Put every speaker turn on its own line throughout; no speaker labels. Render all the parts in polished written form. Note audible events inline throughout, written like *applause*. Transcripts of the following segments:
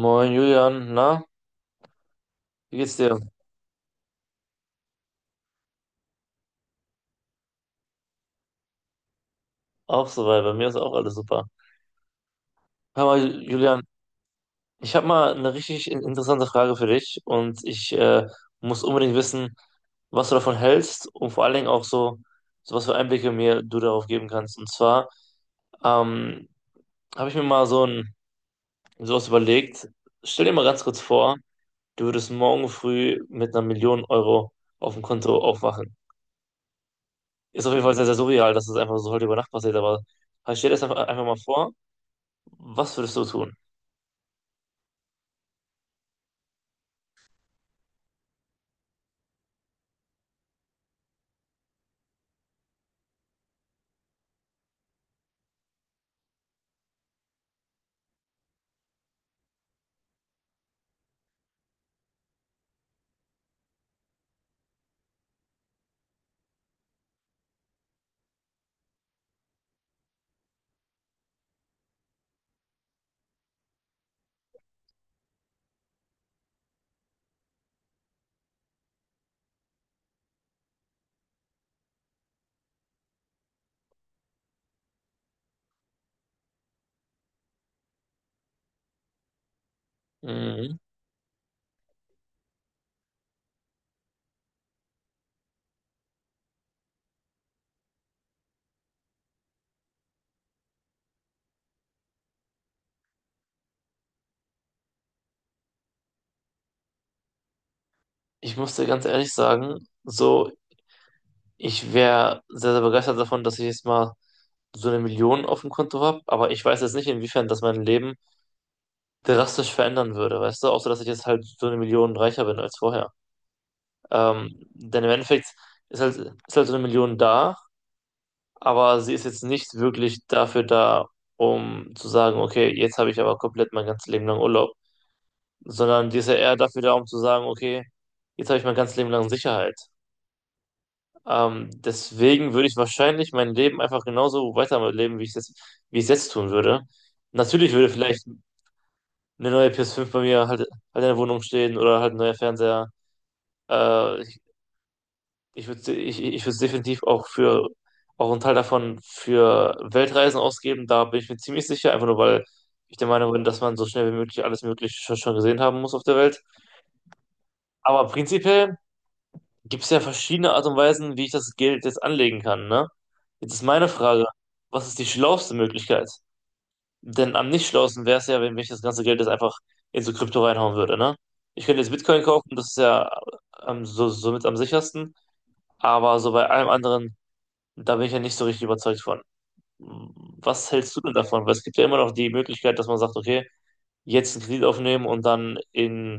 Moin Julian, na, wie geht's dir? Auch soweit, bei mir ist auch alles super. Hör mal, Julian, ich habe mal eine richtig interessante Frage für dich und ich muss unbedingt wissen, was du davon hältst und vor allen Dingen auch so was für Einblicke mir du darauf geben kannst. Und zwar ähm, habe ich mir mal so ein sowas überlegt. Stell dir mal ganz kurz vor, du würdest morgen früh mit einer Million Euro auf dem Konto aufwachen. Ist auf jeden Fall sehr, sehr surreal, dass das einfach so heute über Nacht passiert, aber halt stell dir das einfach mal vor. Was würdest du tun? Mhm. Ich muss dir ganz ehrlich sagen, so, ich wäre sehr, sehr begeistert davon, dass ich jetzt mal so eine Million auf dem Konto habe, aber ich weiß jetzt nicht, inwiefern das mein Leben drastisch verändern würde, weißt du? Außer, dass ich jetzt halt so eine Million reicher bin als vorher. Denn im Endeffekt ist halt so eine Million da, aber sie ist jetzt nicht wirklich dafür da, um zu sagen, okay, jetzt habe ich aber komplett mein ganzes Leben lang Urlaub, sondern die ist ja eher dafür da, um zu sagen, okay, jetzt habe ich mein ganzes Leben lang Sicherheit. Deswegen würde ich wahrscheinlich mein Leben einfach genauso weiterleben, wie ich es jetzt tun würde. Natürlich würde vielleicht eine neue PS5 bei mir halt in der Wohnung stehen oder halt ein neuer Fernseher. Äh, ich, ich würde definitiv auch einen Teil davon für Weltreisen ausgeben. Da bin ich mir ziemlich sicher, einfach nur weil ich der Meinung bin, dass man so schnell wie möglich alles Mögliche schon gesehen haben muss auf der Welt. Aber prinzipiell gibt es ja verschiedene Art und Weisen, wie ich das Geld jetzt anlegen kann, ne? Jetzt ist meine Frage, was ist die schlauste Möglichkeit? Denn am nicht schlausten wäre es ja, wenn ich das ganze Geld jetzt einfach in so Krypto reinhauen würde, ne? Ich könnte jetzt Bitcoin kaufen, das ist ja somit am sichersten, aber so bei allem anderen, da bin ich ja nicht so richtig überzeugt von. Was hältst du denn davon? Weil es gibt ja immer noch die Möglichkeit, dass man sagt, okay, jetzt einen Kredit aufnehmen und dann in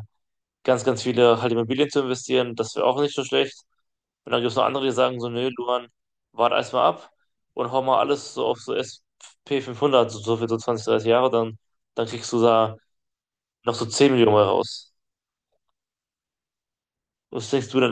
ganz, ganz viele halt Immobilien zu investieren, das wäre auch nicht so schlecht. Und dann gibt es noch andere, die sagen so, nö, Luan, wart erstmal ab und hau mal alles so auf so S&P 500 so für so 20, 30 Jahre, dann kriegst du da noch so 10 Millionen mal raus. Was denkst du denn?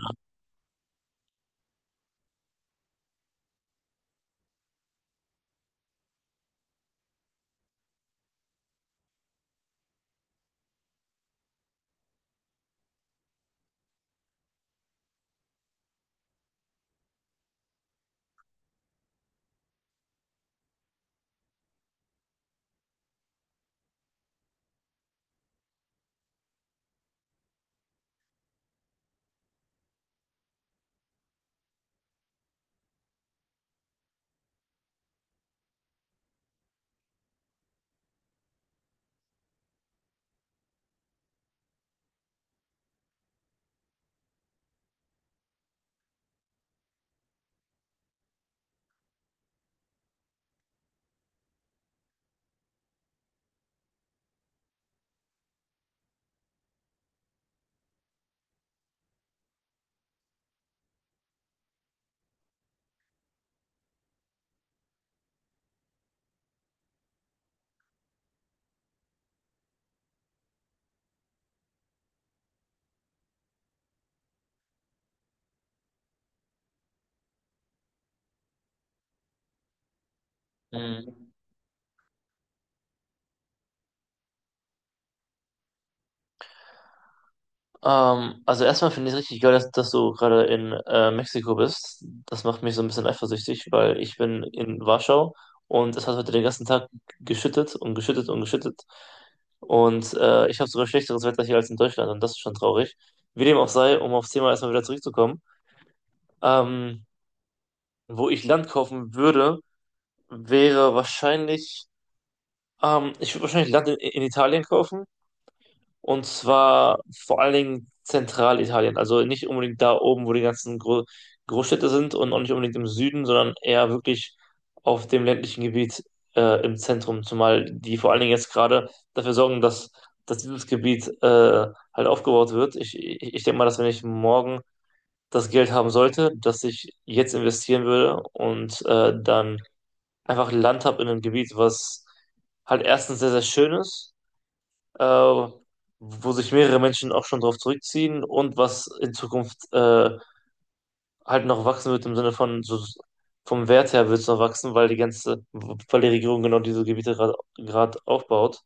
Mhm. Also erstmal finde ich es richtig geil, dass du gerade in Mexiko bist. Das macht mich so ein bisschen eifersüchtig, weil ich bin in Warschau und es hat heute den ganzen Tag geschüttet und geschüttet und geschüttet. Und ich habe sogar schlechteres Wetter hier als in Deutschland und das ist schon traurig. Wie dem auch sei, um aufs Thema erstmal wieder zurückzukommen. Ähm, wo ich Land kaufen würde, wäre wahrscheinlich, ich würde wahrscheinlich Land in Italien kaufen. Und zwar vor allen Dingen Zentralitalien. Also nicht unbedingt da oben, wo die ganzen Großstädte sind und auch nicht unbedingt im Süden, sondern eher wirklich auf dem ländlichen Gebiet im Zentrum. Zumal die vor allen Dingen jetzt gerade dafür sorgen, dass dieses Gebiet halt aufgebaut wird. Ich denke mal, dass wenn ich morgen das Geld haben sollte, dass ich jetzt investieren würde und dann einfach Land habe in einem Gebiet, was halt erstens sehr, sehr schön ist, äh, wo sich mehrere Menschen auch schon drauf zurückziehen und was in Zukunft halt noch wachsen wird im Sinne von so vom Wert her wird es noch wachsen, weil die Regierung genau diese Gebiete gerade aufbaut.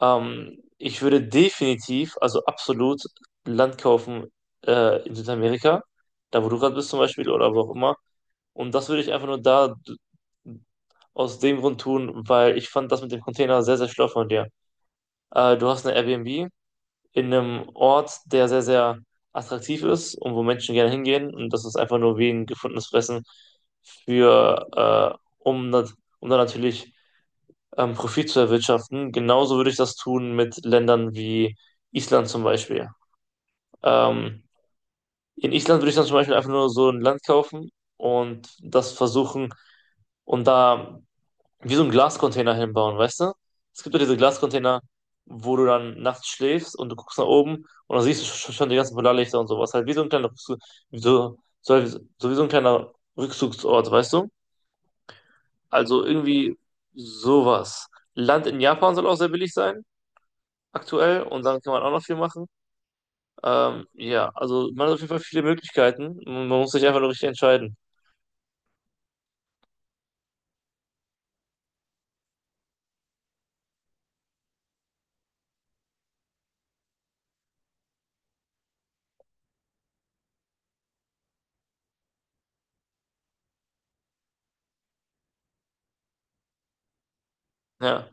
Ich würde definitiv, also absolut Land kaufen in Südamerika, da wo du gerade bist zum Beispiel oder wo auch immer und das würde ich einfach nur da aus dem Grund tun, weil ich fand das mit dem Container sehr, sehr schlau von dir. Du hast eine Airbnb in einem Ort, der sehr, sehr attraktiv ist und wo Menschen gerne hingehen. Und das ist einfach nur wie ein gefundenes Fressen für, äh, um, nat- um dann natürlich Profit zu erwirtschaften. Genauso würde ich das tun mit Ländern wie Island zum Beispiel. Ähm, in Island würde ich dann zum Beispiel einfach nur so ein Land kaufen und das versuchen und da wie so einen Glascontainer hinbauen, weißt du? Es gibt ja diese Glascontainer, wo du dann nachts schläfst und du guckst nach oben und dann siehst du schon die ganzen Polarlichter und sowas. Halt wie so ein kleiner Rückzug, wie so, so, halt- so wie so ein kleiner Rückzugsort, weißt du? Also irgendwie sowas. Land in Japan soll auch sehr billig sein, aktuell, und dann kann man auch noch viel machen. Ja, also man hat auf jeden Fall viele Möglichkeiten. Man muss sich einfach nur richtig entscheiden. Ja,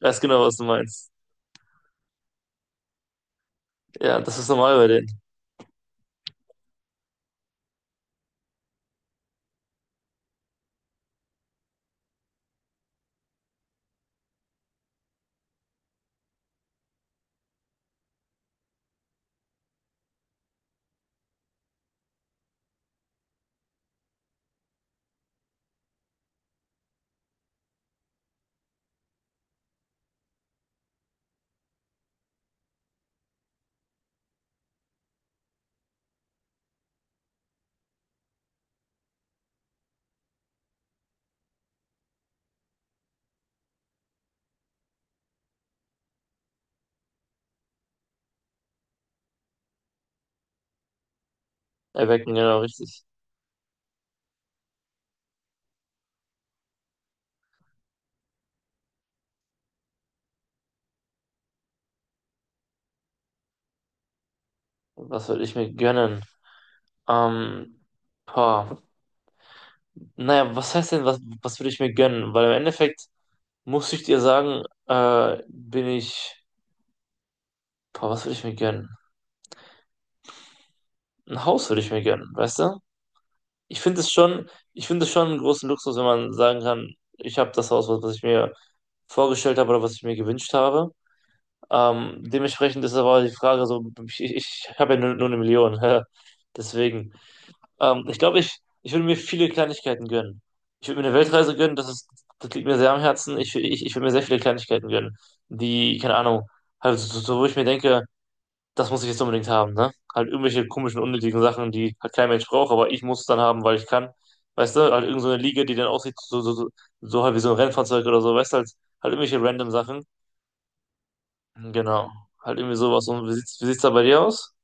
weiß genau, was du meinst. Ja, das ist normal bei den Erwecken, genau, richtig. Was würde ich mir gönnen? Ähm, boah. Naja, was heißt denn, was würde ich mir gönnen? Weil im Endeffekt muss ich dir sagen, bin ich, boah, was würde ich mir gönnen? Ein Haus würde ich mir gönnen, weißt du? Ich finde es schon, ich finde es schon einen großen Luxus, wenn man sagen kann, ich habe das Haus, was ich mir vorgestellt habe oder was ich mir gewünscht habe. Dementsprechend ist aber die Frage so, ich habe ja nur eine Million, *laughs* deswegen. Ich glaube, ich würde mir viele Kleinigkeiten gönnen. Ich würde mir eine Weltreise gönnen, das liegt mir sehr am Herzen. Ich würde mir sehr viele Kleinigkeiten gönnen, die, keine Ahnung, halt wo ich mir denke, das muss ich jetzt unbedingt haben, ne? Halt irgendwelche komischen, unnötigen Sachen, die halt kein Mensch braucht, aber ich muss es dann haben, weil ich kann. Weißt du, halt irgend so eine Liege, die dann aussieht, so halt wie so ein Rennfahrzeug oder so, weißt du, halt irgendwelche random Sachen. Genau. Halt irgendwie sowas. Und wie sieht's da bei dir aus?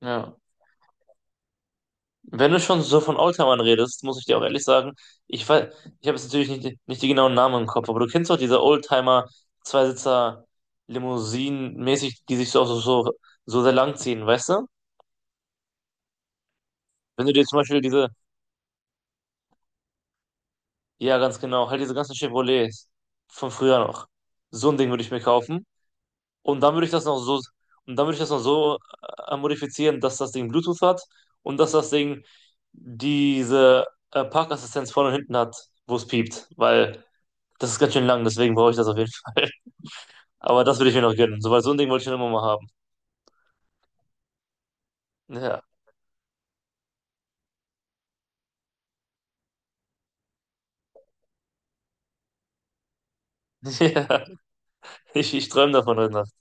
Ja. Wenn du schon so von Oldtimern redest, muss ich dir auch ehrlich sagen, ich weiß, ich habe jetzt natürlich nicht, nicht die genauen Namen im Kopf, aber du kennst doch diese Oldtimer Zweisitzer Limousinen mäßig, die sich so sehr lang ziehen, weißt du? Wenn du dir zum Beispiel diese, ja ganz genau, halt diese ganzen Chevrolets von früher noch, so ein Ding würde ich mir kaufen und dann würde ich das noch so, und dann würde ich das noch so modifizieren, dass das Ding Bluetooth hat und dass das Ding diese Parkassistenz vorne und hinten hat, wo es piept, weil Das ist ganz schön lang, deswegen brauche ich das auf jeden Fall. *laughs* Aber das würde ich mir noch gönnen. So, weil so ein Ding wollte ich schon immer mal haben. Ja. *laughs* Ja. Ich träume davon heute Nacht.